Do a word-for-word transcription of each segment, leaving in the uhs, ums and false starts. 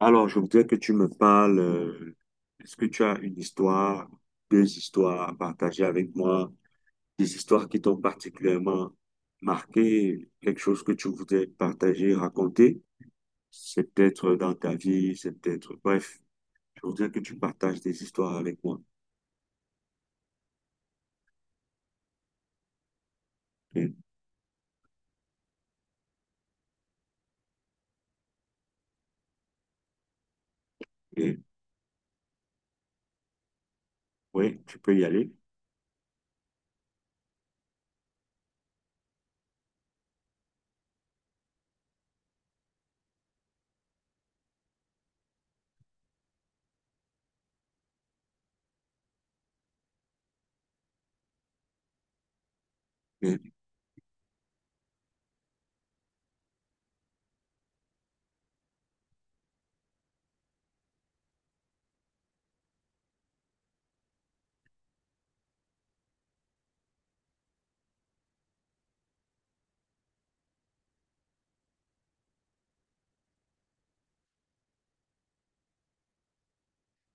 Alors, je voudrais que tu me parles. euh, Est-ce que tu as une histoire, deux histoires à partager avec moi, des histoires qui t'ont particulièrement marqué, quelque chose que tu voudrais partager, raconter? C'est peut-être dans ta vie, c'est peut-être Bref, je voudrais que tu partages des histoires avec moi. Et, et- oui, tu peux y aller. Et-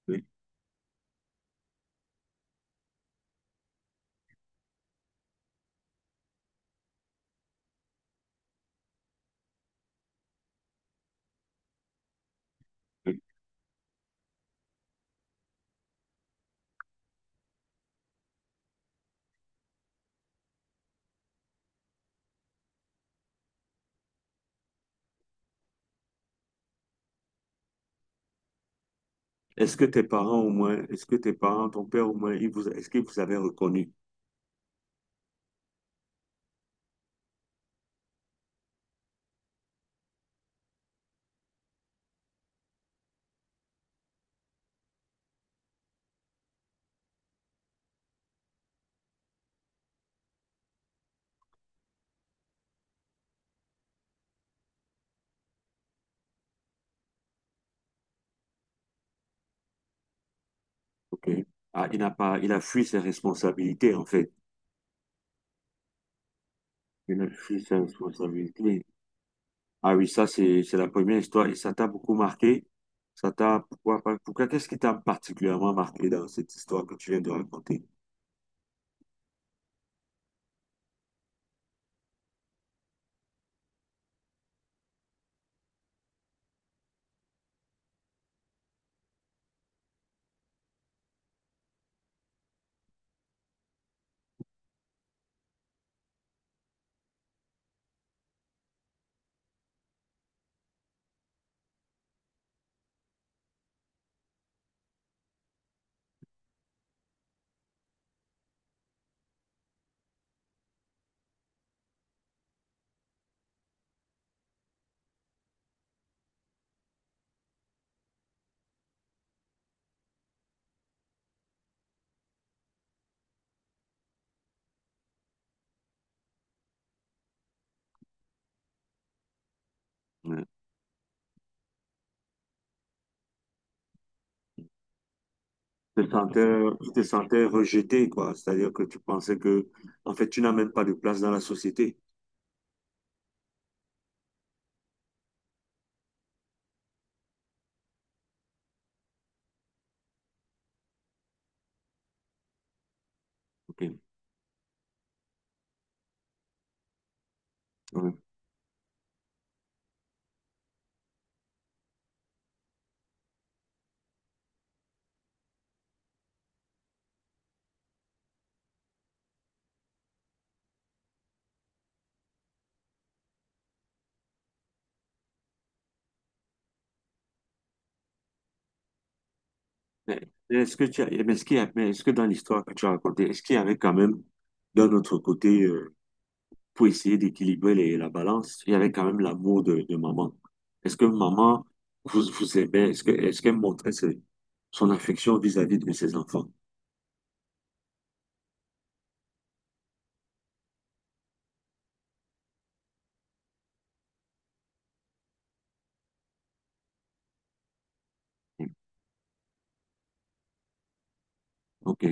et- et- Est-ce que tes parents au moins, est-ce que tes parents, ton père au moins, il vous, est-ce qu'il vous avait reconnu? OK. Ah, il n'a pas, il a fui ses responsabilités en fait. Une prise de responsabilité. Ah oui, ça, c'est, c'est la première histoire et ça t'a beaucoup marqué. Ça t'a, pourquoi, pas- pourquoi, qu'est-ce qui t'a particulièrement marqué dans cette histoire que tu viens de raconter? Ouais. Tu te sentais, tu te sentais rejeté, quoi. C'est-à-dire que tu pensais que, en fait, tu n'as même pas de place dans la société. Ok. Ouais. Mais mais est-ce que tu as, mais est-ce qu'il y a- mais est-ce que dans l'histoire que tu as racontée, est-ce qu'il y avait quand même, d'un autre côté, euh, pour essayer d'équilibrer les- la balance, il y avait quand même l'amour de, de maman. Est-ce que maman vous, vous aimait? Est-ce que, est-ce qu'elle montrait ce- son affection vis-à-vis de ses enfants? OK.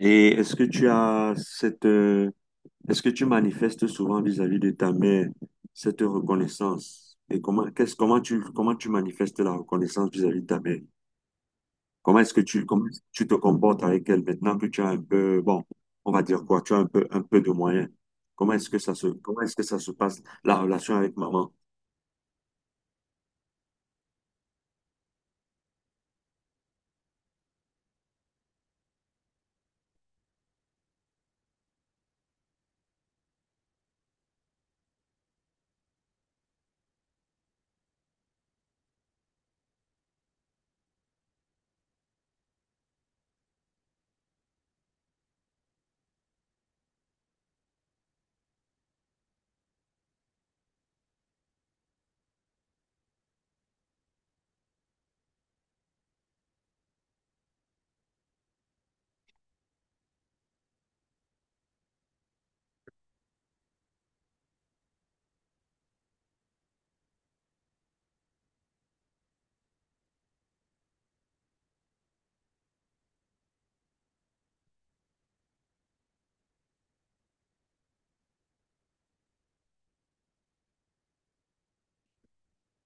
Et est-ce que tu as cette, euh, est-ce que tu manifestes souvent vis-à-vis de ta mère cette reconnaissance? Et comment, qu'est-ce, comment tu, comment tu manifestes la reconnaissance vis-à-vis de ta mère? Comment est-ce que tu, comment est-ce que tu te comportes avec elle maintenant que tu as un peu, bon, on va dire quoi, tu as un peu, un peu de moyens. Comment est-ce que ça se, comment est-ce que ça se passe, la relation avec maman?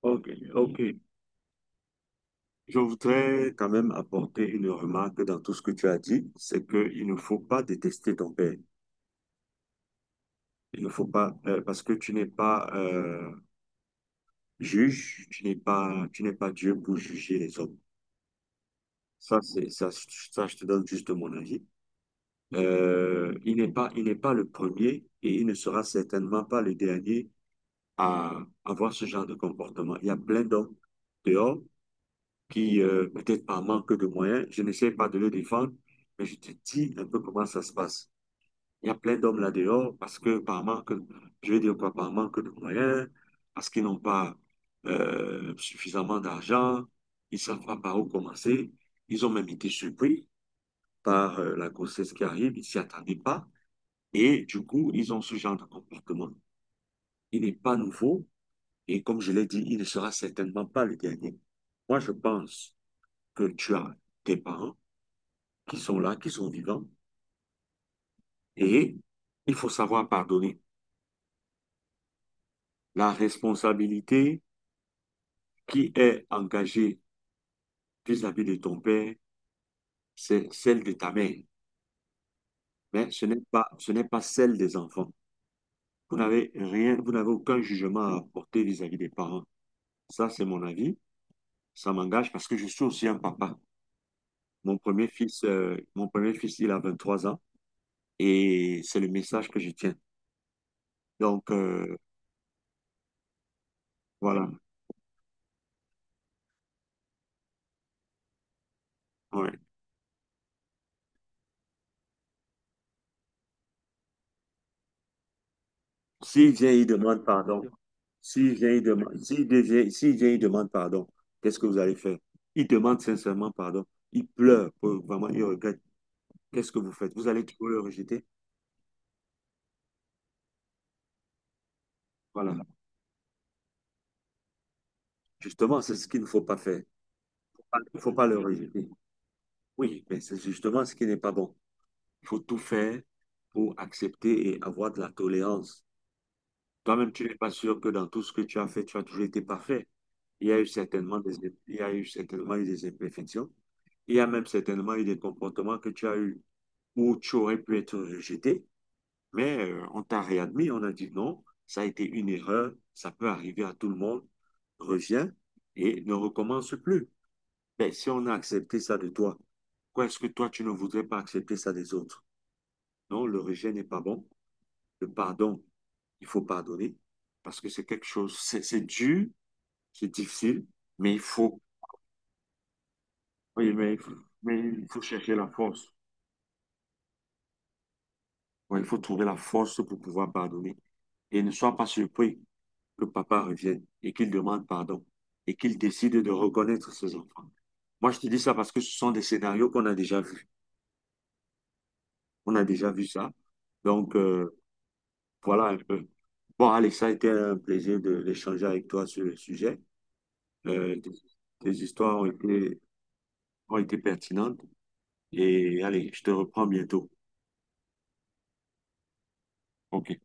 Ok, ok. Je voudrais quand même apporter une remarque dans tout ce que tu as dit, c'est qu'il ne faut pas détester ton père. Il ne faut pas, euh, parce que tu n'es pas euh, juge, tu n'es pas, tu n'es pas Dieu pour juger les hommes. Ça, c'est, ça, ça, je te donne juste mon avis. Euh, il n'est pas, il n'est pas le premier et il ne sera certainement pas le dernier à avoir ce genre de comportement. Il y a plein d'hommes dehors qui, euh, peut-être par manque de moyens, je n'essaie pas de le défendre, mais je te dis un peu comment ça se passe. Il y a plein d'hommes là dehors parce que par manque, je vais dire quoi, par manque de moyens, parce qu'ils n'ont pas euh, suffisamment d'argent, ils ne savent pas par où commencer. Ils ont même été surpris par euh, la grossesse qui arrive, ils ne s'y attendaient pas. Et du coup, ils ont ce genre de comportement. Il n'est pas nouveau et comme je l'ai dit, il ne sera certainement pas le dernier. Moi, je pense que tu as tes parents qui sont là, qui sont vivants et il faut savoir pardonner. La responsabilité qui est engagée vis-à-vis de ton père, c'est celle de ta mère, mais ce n'est pas, ce n'est pas celle des enfants. Vous n'avez rien, vous n'avez aucun jugement à apporter vis-à-vis des parents. Ça, c'est mon avis. Ça m'engage parce que je suis aussi un papa. Mon premier fils, euh, mon premier fils, il a vingt-trois ans et c'est le message que je tiens. Donc, euh, voilà. Ouais. S'il vient, il demande pardon. S'il vient, il demande, s'il devient- s'il vient, il demande pardon. Qu'est-ce que vous allez faire? Il demande sincèrement pardon. Il pleure, euh, vraiment, il regrette. Qu'est-ce que vous faites? Vous allez toujours le rejeter? Voilà. Justement, c'est ce qu'il ne faut pas faire. Il ne faut pas le rejeter. Oui, mais c'est justement ce qui n'est pas bon. Il faut tout faire pour accepter et avoir de la tolérance. Toi-même, tu n'es pas sûr que dans tout ce que tu as fait, tu as toujours été parfait. Il y a eu certainement des, il y a eu certainement eu des imperfections. Il y a même certainement eu des comportements que tu as eu où tu aurais pu être rejeté. Mais euh, on t'a réadmis, on a dit non, ça a été une erreur, ça peut arriver à tout le monde. Reviens et ne recommence plus. Mais si on a accepté ça de toi, pourquoi est-ce que toi, tu ne voudrais pas accepter ça des autres? Non, le rejet n'est pas bon. Le pardon, il faut pardonner parce que c'est quelque chose, c'est c'est dur. C'est difficile, mais il faut, oui, mais, il faut- mais il faut chercher la force. Ouais, il faut trouver la force pour pouvoir pardonner. Et ne sois pas surpris que papa revienne et qu'il demande pardon et qu'il décide de reconnaître ses enfants. Moi, je te dis ça parce que ce sont des scénarios qu'on a déjà vus. On a déjà vu ça. Donc, euh, voilà un peu. Bon, Alex, ça a été un plaisir de- d'échanger avec toi sur le sujet. Euh, tes, tes histoires ont été, ont été pertinentes. Et allez, je te reprends bientôt. OK.